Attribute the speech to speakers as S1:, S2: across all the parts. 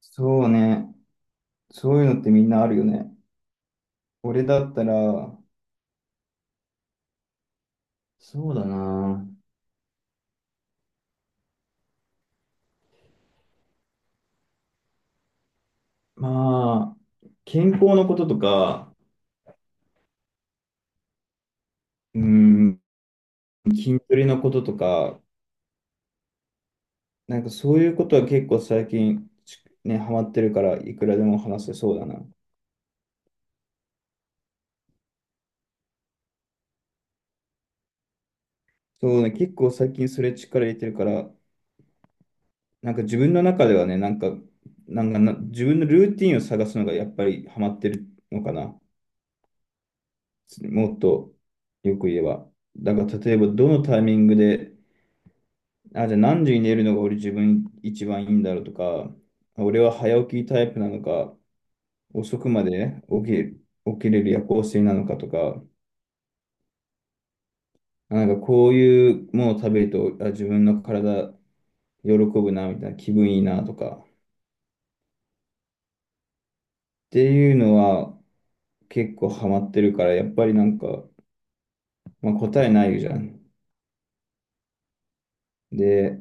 S1: そうね。そういうのってみんなあるよね。俺だったら、そうだな。まあ、健康のこととか、うん、筋トレのこととか、なんかそういうことは結構最近、ね、ハマってるから、いくらでも話せそうだな。そうね、結構最近それ力入れてるから、なんか自分の中ではね、なんか、なんかな、自分のルーティンを探すのがやっぱりハマってるのかな。もっとよく言えば。だから例えばどのタイミングで、あ、じゃあ何時に寝るのが俺自分一番いいんだろうとか、俺は早起きタイプなのか、遅くまで起きれる夜行性なのかとか、あなんかこういうものを食べると、あ、自分の体喜ぶな、みたいな気分いいなとか、っていうのは結構ハマってるから、やっぱりなんか、まあ、答えないじゃん。で、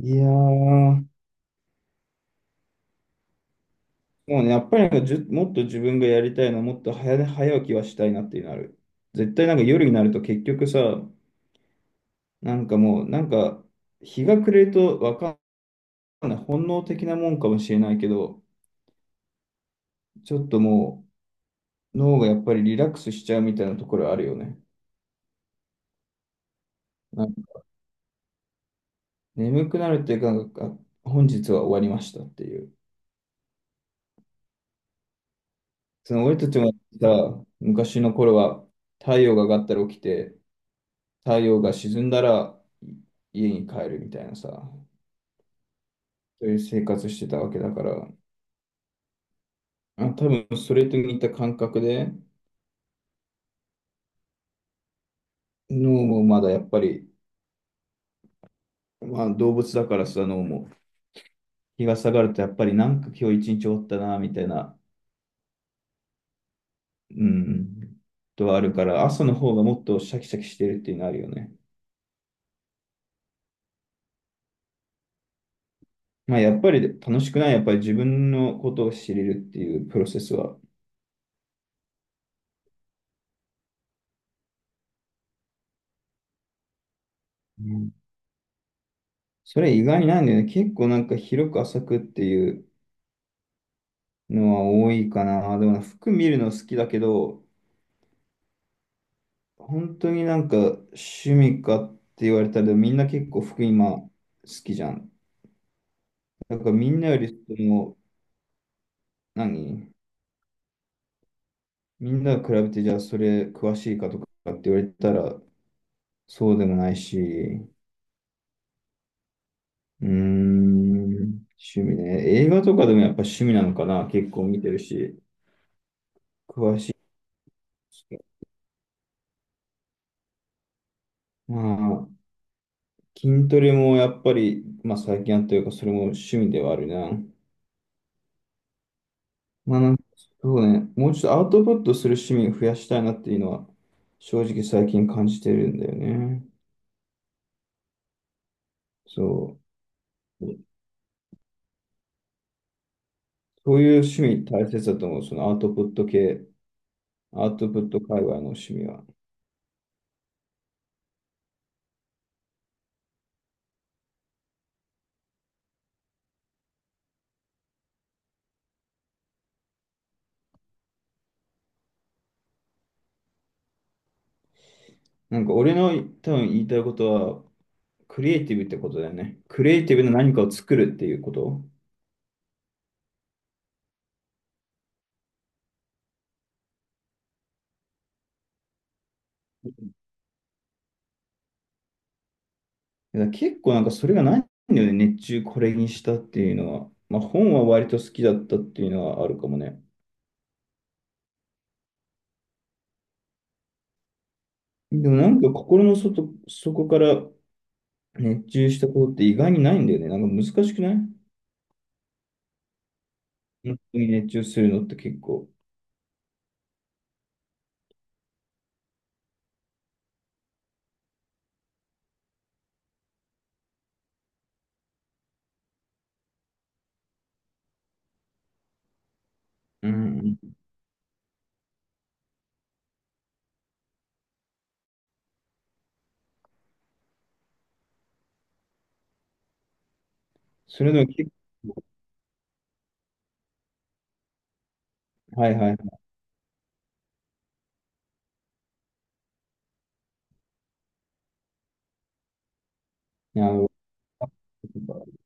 S1: いやー、もうね、やっぱりなんかもっと自分がやりたいのは、もっと早起きはしたいなっていうのある。絶対なんか夜になると結局さ、なんかもう、なんか、日が暮れるとわかんない、本能的なもんかもしれないけど、ちょっともう、脳がやっぱりリラックスしちゃうみたいなところあるよね。なんか眠くなるっていうか、なんか、あ本日は終わりましたっていう。その俺たちもさ、昔の頃は、太陽が上がったら起きて、太陽が沈んだら家に帰るみたいなさ、そういう生活してたわけだから、あ、多分それと似た感覚で、脳もまだやっぱり、まあ、動物だからさ、あの、もう日が下がるとやっぱりなんか今日一日終わったな、みたいな、うん、とはあるから、朝の方がもっとシャキシャキしてるっていうのあるよね。まあ、やっぱり楽しくない、やっぱり自分のことを知れるっていうプロセスは。うんそれ意外にないんだよね。結構なんか広く浅くっていうのは多いかな。でも服見るの好きだけど、本当になんか趣味かって言われたら、みんな結構服今好きじゃん。だからみんなよりその、何みんなが比べて、じゃあそれ詳しいかとかって言われたら、そうでもないし、うーん、趣味ね。映画とかでもやっぱ趣味なのかな。結構見てるし、詳しいし。まあ、筋トレもやっぱり、まあ最近あったというか、それも趣味ではあるな。まあなんか、そうね、もうちょっとアウトプットする趣味を増やしたいなっていうのは、正直最近感じてるんだよね。そう。そういう趣味大切だと思う。そのアウトプット系。アウトプット界隈の趣味は。なんか俺の多分言いたいことは、クリエイティブってことだよね。クリエイティブな何かを作るっていうこと。だから結構なんかそれがないんだよね。熱中これにしたっていうのは。まあ本は割と好きだったっていうのはあるかもね。でもなんか心の外、そこから熱中したことって意外にないんだよね。なんか難しくない本当に熱中するのって結構。うんそれでも結構、はいはいはい。なるほど。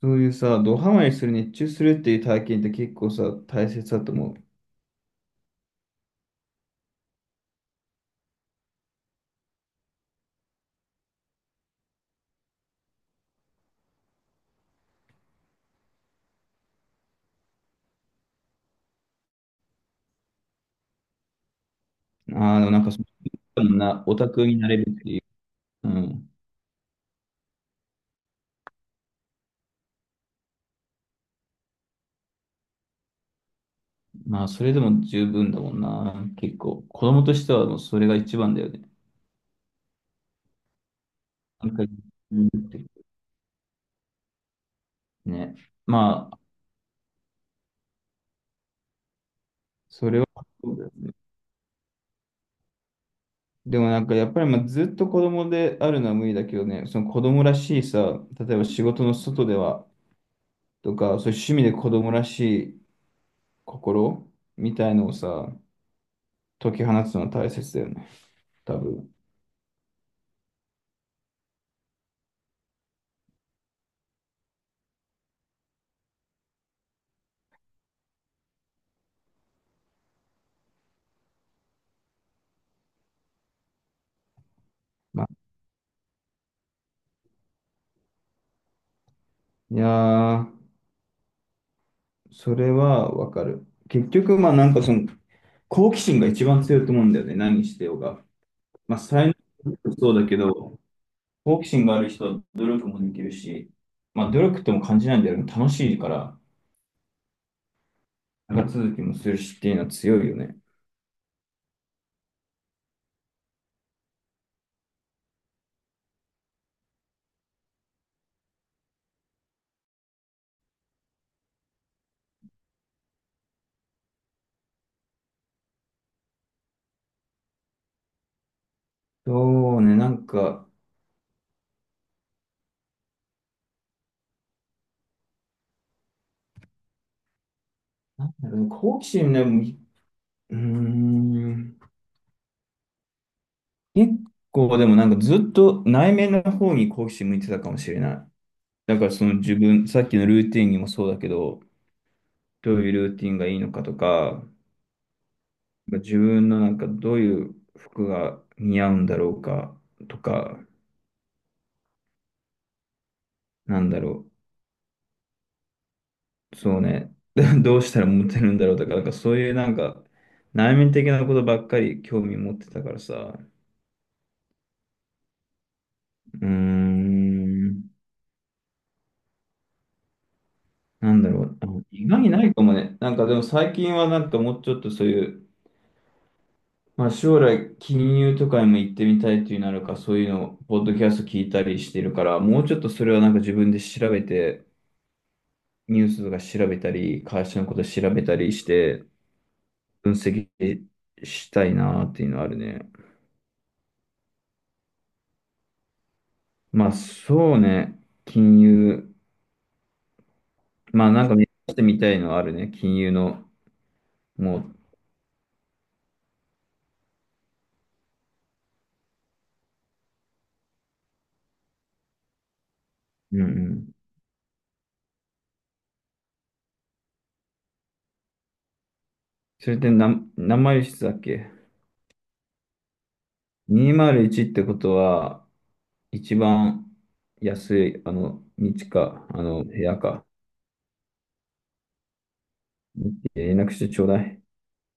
S1: そういうさ、ドハマりする、熱中するっていう体験って結構さ、大切だと思う。ああ、でもなんかそのな、オタクになれるっていう。うん。まあ、それでも十分だもんな。結構。子供としてはもうそれが一番だよね。なんか、うんってね。まあ、それはそうだよね。でもなんかやっぱりまあずっと子供であるのは無理だけどね、その子供らしいさ、例えば仕事の外ではとか、そういう趣味で子供らしい心みたいのをさ、解き放つのは大切だよね。多分。まあ、いやー、それはわかる。結局、まあなんかその、好奇心が一番強いと思うんだよね、何してようが。まあ才能もそうだけど、好奇心がある人は努力もできるし、まあ努力とも感じないんだよね、楽しいから、長続きもするしっていうのは強いよね。そうね、なんか、なんだろうね、好奇心ね、もううーん、結構でもなんかずっと内面の方に好奇心向いてたかもしれない。だからその自分、さっきのルーティンにもそうだけど、どういうルーティンがいいのかとか、自分のなんかどういう服が似合うんだろうかとか、なんだろう、そうね、どうしたらモテるんだろうとか、なんかそういうなんか内面的なことばっかり興味持ってたからさ、うーん、なんだろう、あ意外にないかもね。なんかでも最近はなんかもうちょっとそういう、まあ、将来、金融とかにも行ってみたいというなるか、そういうのを、ポッドキャスト聞いたりしてるから、もうちょっとそれはなんか自分で調べて、ニュースとか調べたり、会社のこと調べたりして、分析したいなっていうのはあるね。まあ、そうね、金融、まあ、なんか目指してみたいのはあるね、金融の、もう、うんうん。それって何、何マイル室だっけ ?201 ってことは、一番安い、あの、道か、あの、部屋か、連絡してちょうだい。